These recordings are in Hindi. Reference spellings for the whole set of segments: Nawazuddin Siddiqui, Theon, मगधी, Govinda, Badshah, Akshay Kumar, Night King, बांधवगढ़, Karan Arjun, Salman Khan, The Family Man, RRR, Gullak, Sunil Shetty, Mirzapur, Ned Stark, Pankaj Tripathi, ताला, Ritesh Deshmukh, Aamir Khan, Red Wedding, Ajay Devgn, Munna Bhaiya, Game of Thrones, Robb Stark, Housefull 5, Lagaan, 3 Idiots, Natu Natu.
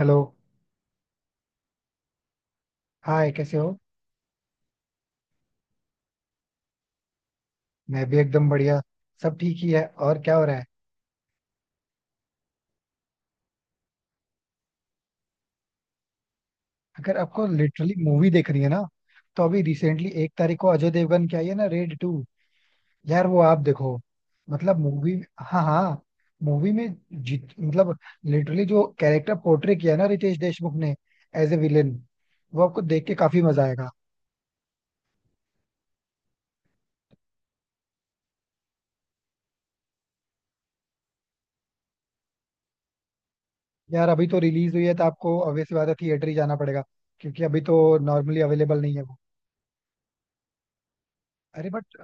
हेलो. हाय, कैसे हो? मैं भी एकदम बढ़िया. सब ठीक ही है. और क्या हो रहा है? अगर आपको लिटरली मूवी देखनी है ना, तो अभी रिसेंटली एक तारीख को अजय देवगन की आई है ना, रेड टू. यार, वो आप देखो. मतलब मूवी. हाँ, हाँ. मूवी में जित मतलब लिटरली जो कैरेक्टर पोर्ट्रे किया है ना रितेश देशमुख ने, एज ए विलेन, वो आपको देख के काफी मजा आएगा. यार अभी तो रिलीज हुई है, तो आपको ऑब्वियसली बात है, थिएटर ही जाना पड़ेगा. क्योंकि अभी तो नॉर्मली अवेलेबल नहीं है वो. अरे बट.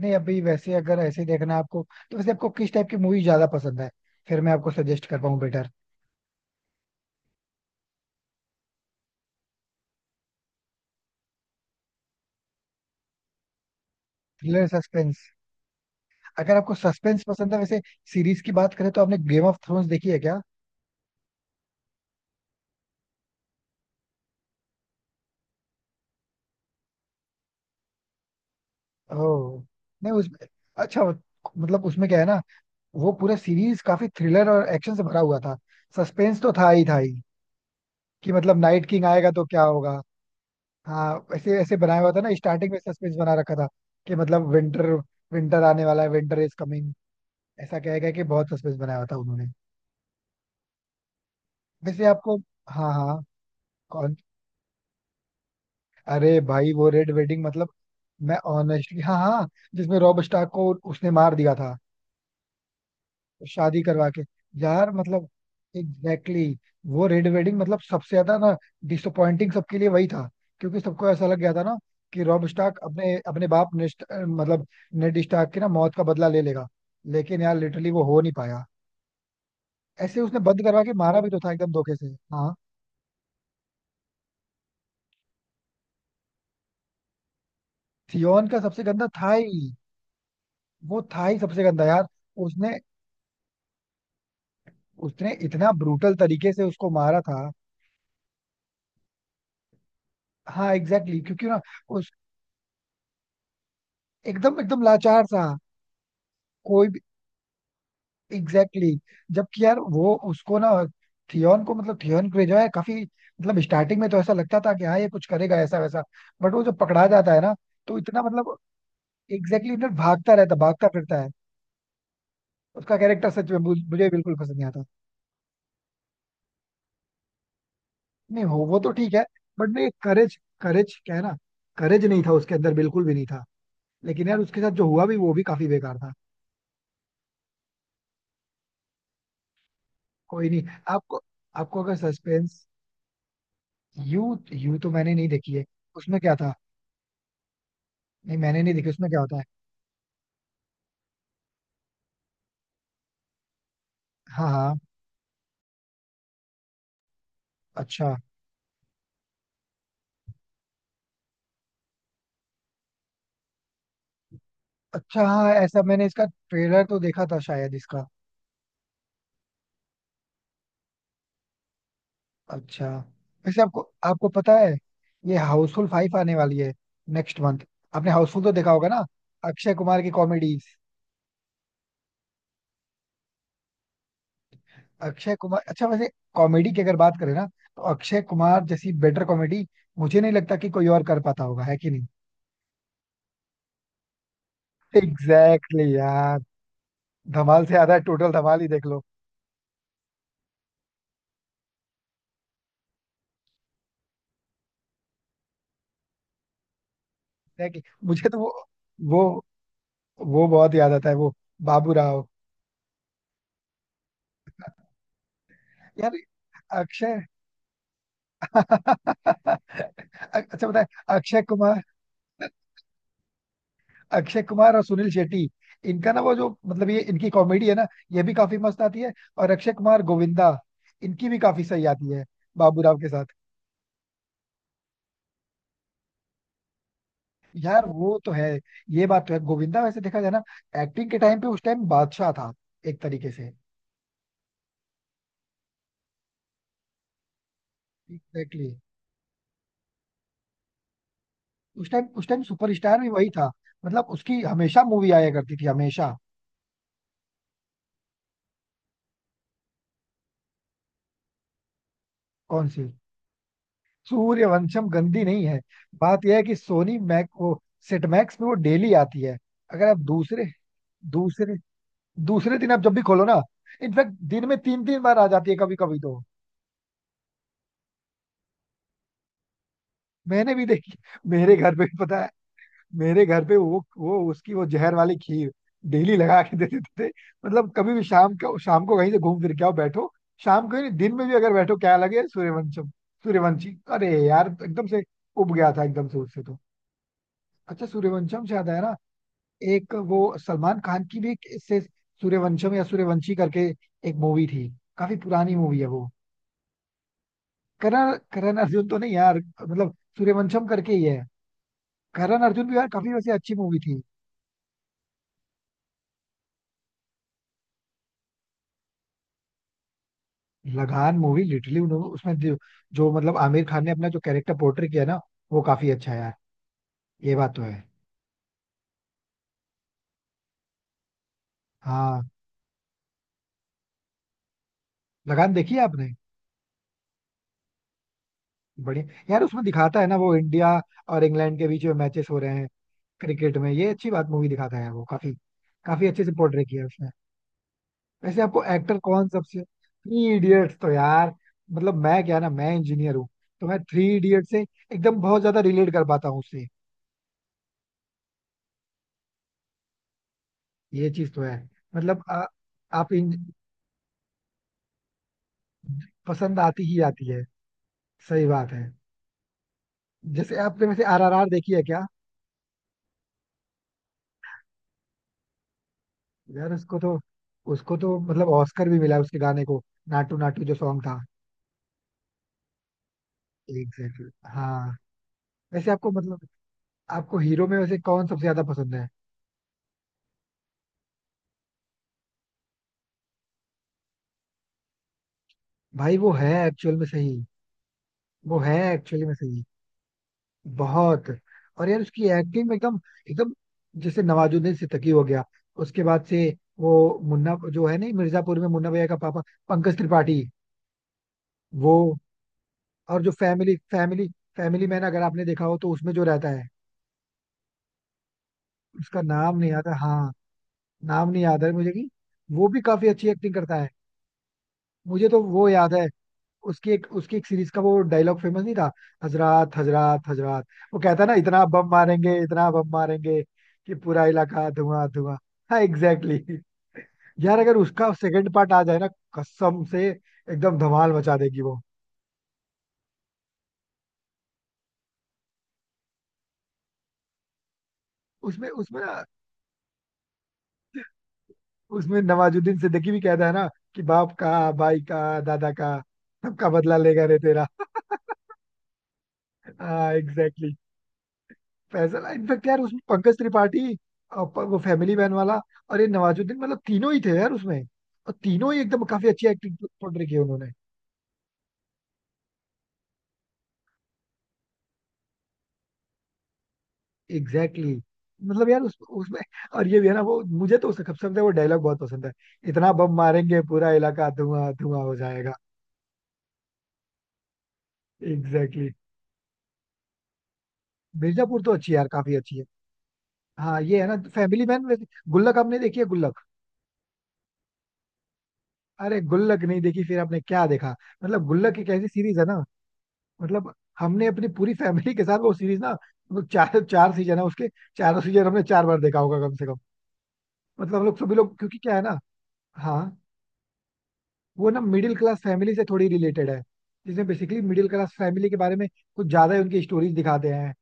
नहीं, अभी वैसे अगर ऐसे ही देखना है आपको, तो वैसे आपको किस टाइप की मूवी ज्यादा पसंद है? फिर मैं आपको सजेस्ट कर पाऊँ बेटर. Thriller suspense. अगर आपको सस्पेंस पसंद है वैसे, सीरीज की बात करें तो आपने गेम ऑफ थ्रोन्स देखी है क्या? ओह. नहीं उस अच्छा, मतलब उसमें क्या है ना, वो पूरा सीरीज काफी थ्रिलर और एक्शन से भरा हुआ था. सस्पेंस तो था ही, था ही कि मतलब नाइट किंग आएगा तो क्या होगा. हाँ, ऐसे ऐसे बनाया हुआ था ना, स्टार्टिंग में सस्पेंस बना रखा था कि मतलब विंटर विंटर आने वाला है. विंटर इज कमिंग, ऐसा कहेगा कि बहुत सस्पेंस बनाया हुआ था उन्होंने. वैसे आपको. हाँ, हाँ. कौन? अरे भाई वो रेड वेडिंग मतलब. मैं ऑनेस्टली हाँ, हाँ. जिसमें रॉब स्टार्क को उसने मार दिया था, शादी करवा के. यार मतलब एग्जैक्टली, वो रेड वेडिंग मतलब सबसे ज्यादा ना डिसअपॉइंटिंग सबके लिए वही था. क्योंकि सबको ऐसा लग गया था ना कि रॉब स्टार्क अपने अपने बाप नेस्ट मतलब नेड स्टार्क की ना मौत का बदला ले लेगा. लेकिन यार लिटरली वो हो नहीं पाया. ऐसे उसने बंद करवा के मारा भी तो था, एकदम धोखे से. हाँ. थियोन का सबसे गंदा था ही. वो था ही सबसे गंदा यार. उसने उसने इतना ब्रूटल तरीके से उसको मारा था. हाँ, एग्जैक्टली, क्योंकि ना उस एकदम एकदम लाचार सा. कोई भी. एग्जैक्टली, जबकि यार वो उसको ना, थियोन को, मतलब थियोन को जो है काफी, मतलब स्टार्टिंग में तो ऐसा लगता था कि हाँ ये कुछ करेगा, ऐसा वैसा. बट वो जब पकड़ा जाता है ना, तो इतना मतलब, एग्जैक्टली, ना भागता रहता भागता फिरता है. उसका कैरेक्टर सच में मुझे मुझे बिल्कुल पसंद नहीं आता. नहीं, हो वो तो ठीक है. बट नहीं, करेज करेज क्या है ना. करेज नहीं था उसके अंदर, बिल्कुल भी नहीं था. लेकिन यार उसके साथ जो हुआ भी वो भी काफी बेकार था. कोई नहीं. आपको आपको अगर सस्पेंस. यू यू तो मैंने नहीं देखी है. उसमें क्या था? नहीं मैंने नहीं देखी, उसमें क्या होता है? हाँ, हाँ. अच्छा. अच्छा, हाँ ऐसा मैंने इसका ट्रेलर तो देखा था शायद इसका. अच्छा, वैसे आपको आपको पता है ये हाउसफुल फाइव आने वाली है नेक्स्ट मंथ? आपने हाउसफुल तो देखा होगा ना, अक्षय कुमार की कॉमेडीज. अक्षय कुमार, अच्छा वैसे कॉमेडी की अगर बात करें ना, तो अक्षय कुमार जैसी बेटर कॉमेडी मुझे नहीं लगता कि कोई और कर पाता होगा, है कि नहीं. एग्जैक्टली यार, धमाल से ज्यादा टोटल धमाल ही देख लो. एग्जैक्टली. मुझे तो वो वो वो बहुत याद आता है, वो बाबू राव. यार अक्षय अच्छा बताए, अक्षय कुमार अक्षय कुमार और सुनील शेट्टी. इनका ना वो जो मतलब, ये इनकी कॉमेडी है ना, ये भी काफी मस्त आती है. और अक्षय कुमार गोविंदा, इनकी भी काफी सही आती है, बाबू राव के साथ. यार वो तो है, ये बात तो है. गोविंदा वैसे देखा जाए ना, एक्टिंग के टाइम पे उस टाइम बादशाह था, एक तरीके से. एग्जैक्टली. उस टाइम सुपरस्टार भी वही था. मतलब उसकी हमेशा मूवी आया करती थी, हमेशा. कौन सी? सूर्यवंशम गंदी नहीं है. बात यह है कि सोनी मैक वो, सेट मैक्स पे वो डेली आती है. अगर आप दूसरे दूसरे दूसरे दिन आप जब भी खोलो ना, इनफैक्ट दिन में तीन तीन बार आ जाती है कभी कभी तो. मैंने भी देखी. मेरे घर पे भी पता है, मेरे घर पे वो उसकी वो जहर वाली खीर डेली लगा के दे देते थे. मतलब कभी भी शाम को, शाम को कहीं से घूम फिर के आओ बैठो, शाम को ही नहीं दिन में भी अगर बैठो, क्या लगे, सूर्यवंशम. सूर्यवंशी, अरे यार एकदम से उब गया था एकदम से उससे तो. अच्छा सूर्यवंशम से याद आया ना, एक वो सलमान खान की भी एक इससे सूर्यवंशम या सूर्यवंशी करके एक मूवी थी, काफी पुरानी मूवी है वो. करण करण अर्जुन तो नहीं यार, मतलब सूर्यवंशम करके ही है. करण अर्जुन भी यार काफी वैसे अच्छी मूवी थी. लगान मूवी लिटरली उन्होंने उसमें जो मतलब आमिर खान ने अपना जो कैरेक्टर पोर्ट्रे किया ना, वो काफी अच्छा है यार. ये बात तो है. हाँ, लगान देखी है आपने. बढ़िया. यार उसमें दिखाता है ना वो इंडिया और इंग्लैंड के बीच में मैचेस हो रहे हैं क्रिकेट में, ये अच्छी बात मूवी दिखाता है वो. काफी काफी अच्छे से पोर्ट्रे किया है उसने. वैसे आपको एक्टर कौन सबसे, थ्री इडियट्स तो यार मतलब. मैं क्या ना, मैं इंजीनियर हूँ, तो मैं थ्री इडियट से एकदम बहुत ज्यादा रिलेट कर पाता हूँ उससे. ये चीज तो है. मतलब आप इन, पसंद आती ही आती है. सही बात है. जैसे आपने वैसे आरआरआर देखी है क्या? यार उसको तो मतलब ऑस्कर भी मिला उसके गाने को, नाटू नाटू जो सॉन्ग था. एग्जैक्टली, हाँ. वैसे आपको मतलब, आपको हीरो में वैसे कौन सबसे ज्यादा पसंद है? भाई, वो है एक्चुअल में सही. वो है एक्चुअली में सही. बहुत. और यार उसकी एक्टिंग में एकदम एकदम, जैसे नवाजुद्दीन सिद्दीकी हो गया, उसके बाद से वो मुन्ना जो है, नहीं मिर्जापुर में मुन्ना भैया का पापा, पंकज त्रिपाठी. वो. और जो फैमिली फैमिली फैमिली मैन अगर आपने देखा हो, तो उसमें जो रहता है, उसका नाम नहीं याद है हाँ. नाम नहीं याद है मुझे कि, वो भी काफी अच्छी एक्टिंग करता है. मुझे तो वो याद है. उसकी एक सीरीज का वो डायलॉग फेमस नहीं था, हजरात हजरात हजरात, वो कहता है ना, इतना बम मारेंगे कि पूरा इलाका धुआं धुआं. हाँ, एग्जैक्टली. यार अगर उसका सेकंड पार्ट आ जाए ना, कसम से एकदम धमाल मचा देगी वो. उसमें उसमें ना, उसमें नवाजुद्दीन सिद्दीकी भी कहता है ना, कि बाप का, भाई का, दादा का, सबका बदला लेगा रे तेरा. हाँ एग्जैक्टली. फैसला. इनफेक्ट यार उसमें पंकज त्रिपाठी, और वो फैमिली मैन वाला, और ये नवाजुद्दीन, मतलब तीनों ही थे यार उसमें. और तीनों ही एकदम काफी अच्छी एक्टिंग पोर्ट्रे की है उन्होंने. एग्जैक्टली. मतलब यार उसमें. और ये भी है ना वो, मुझे तो उसका सबसे ज्यादा वो डायलॉग बहुत पसंद है, इतना बम मारेंगे पूरा इलाका धुआं धुआं हो जाएगा. Exactly exactly. मिर्जापुर तो अच्छी है यार, काफी अच्छी है. हाँ ये है ना फैमिली मैन वैसे. गुल्लक आपने देखी है, गुल्लक? अरे, गुल्लक नहीं देखी, फिर आपने क्या देखा? मतलब गुल्लक एक ऐसी सीरीज है ना, मतलब हमने अपनी पूरी फैमिली के साथ वो सीरीज ना, वो चार चार सीजन है उसके, चारों सीजन हमने चार बार देखा होगा कम से कम. मतलब हम लोग, सभी लोग, क्योंकि क्या है ना. हाँ, वो ना मिडिल क्लास फैमिली से थोड़ी रिलेटेड है, जिसमें बेसिकली मिडिल क्लास फैमिली के बारे में कुछ ज्यादा ही उनकी स्टोरीज दिखाते हैं,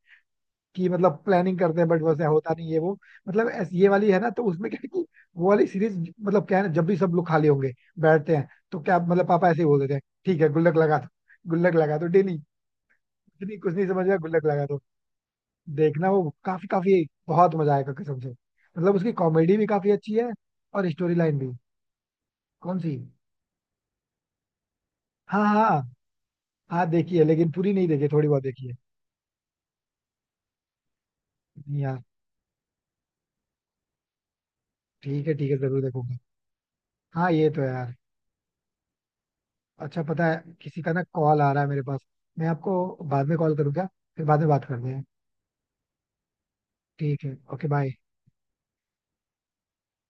कि मतलब प्लानिंग करते हैं बट वैसे होता नहीं है वो. मतलब ये वाली है ना, तो उसमें क्या है कि वो वाली सीरीज, मतलब क्या है ना, जब भी सब लोग खाली होंगे बैठते हैं, तो क्या मतलब पापा ऐसे ही बोल देते हैं, ठीक है गुल्लक लगा दो. गुल्लक लगा दो डेली, कुछ नहीं समझ में आया, गुल्लक लगा दो. देखना वो काफी काफी बहुत मजा आएगा कसम से, मतलब उसकी कॉमेडी भी काफी अच्छी है, और स्टोरी लाइन भी. कौन सी? हाँ, हाँ, हाँ देखी है, लेकिन पूरी नहीं देखी, थोड़ी बहुत देखी है. नहीं यार, ठीक है ठीक है, जरूर देखूंगा. हाँ ये तो है यार. अच्छा पता है किसी का ना कॉल आ रहा है मेरे पास, मैं आपको बाद में कॉल करूँ क्या? फिर बाद में बात करते हैं. ठीक है, ओके बाय.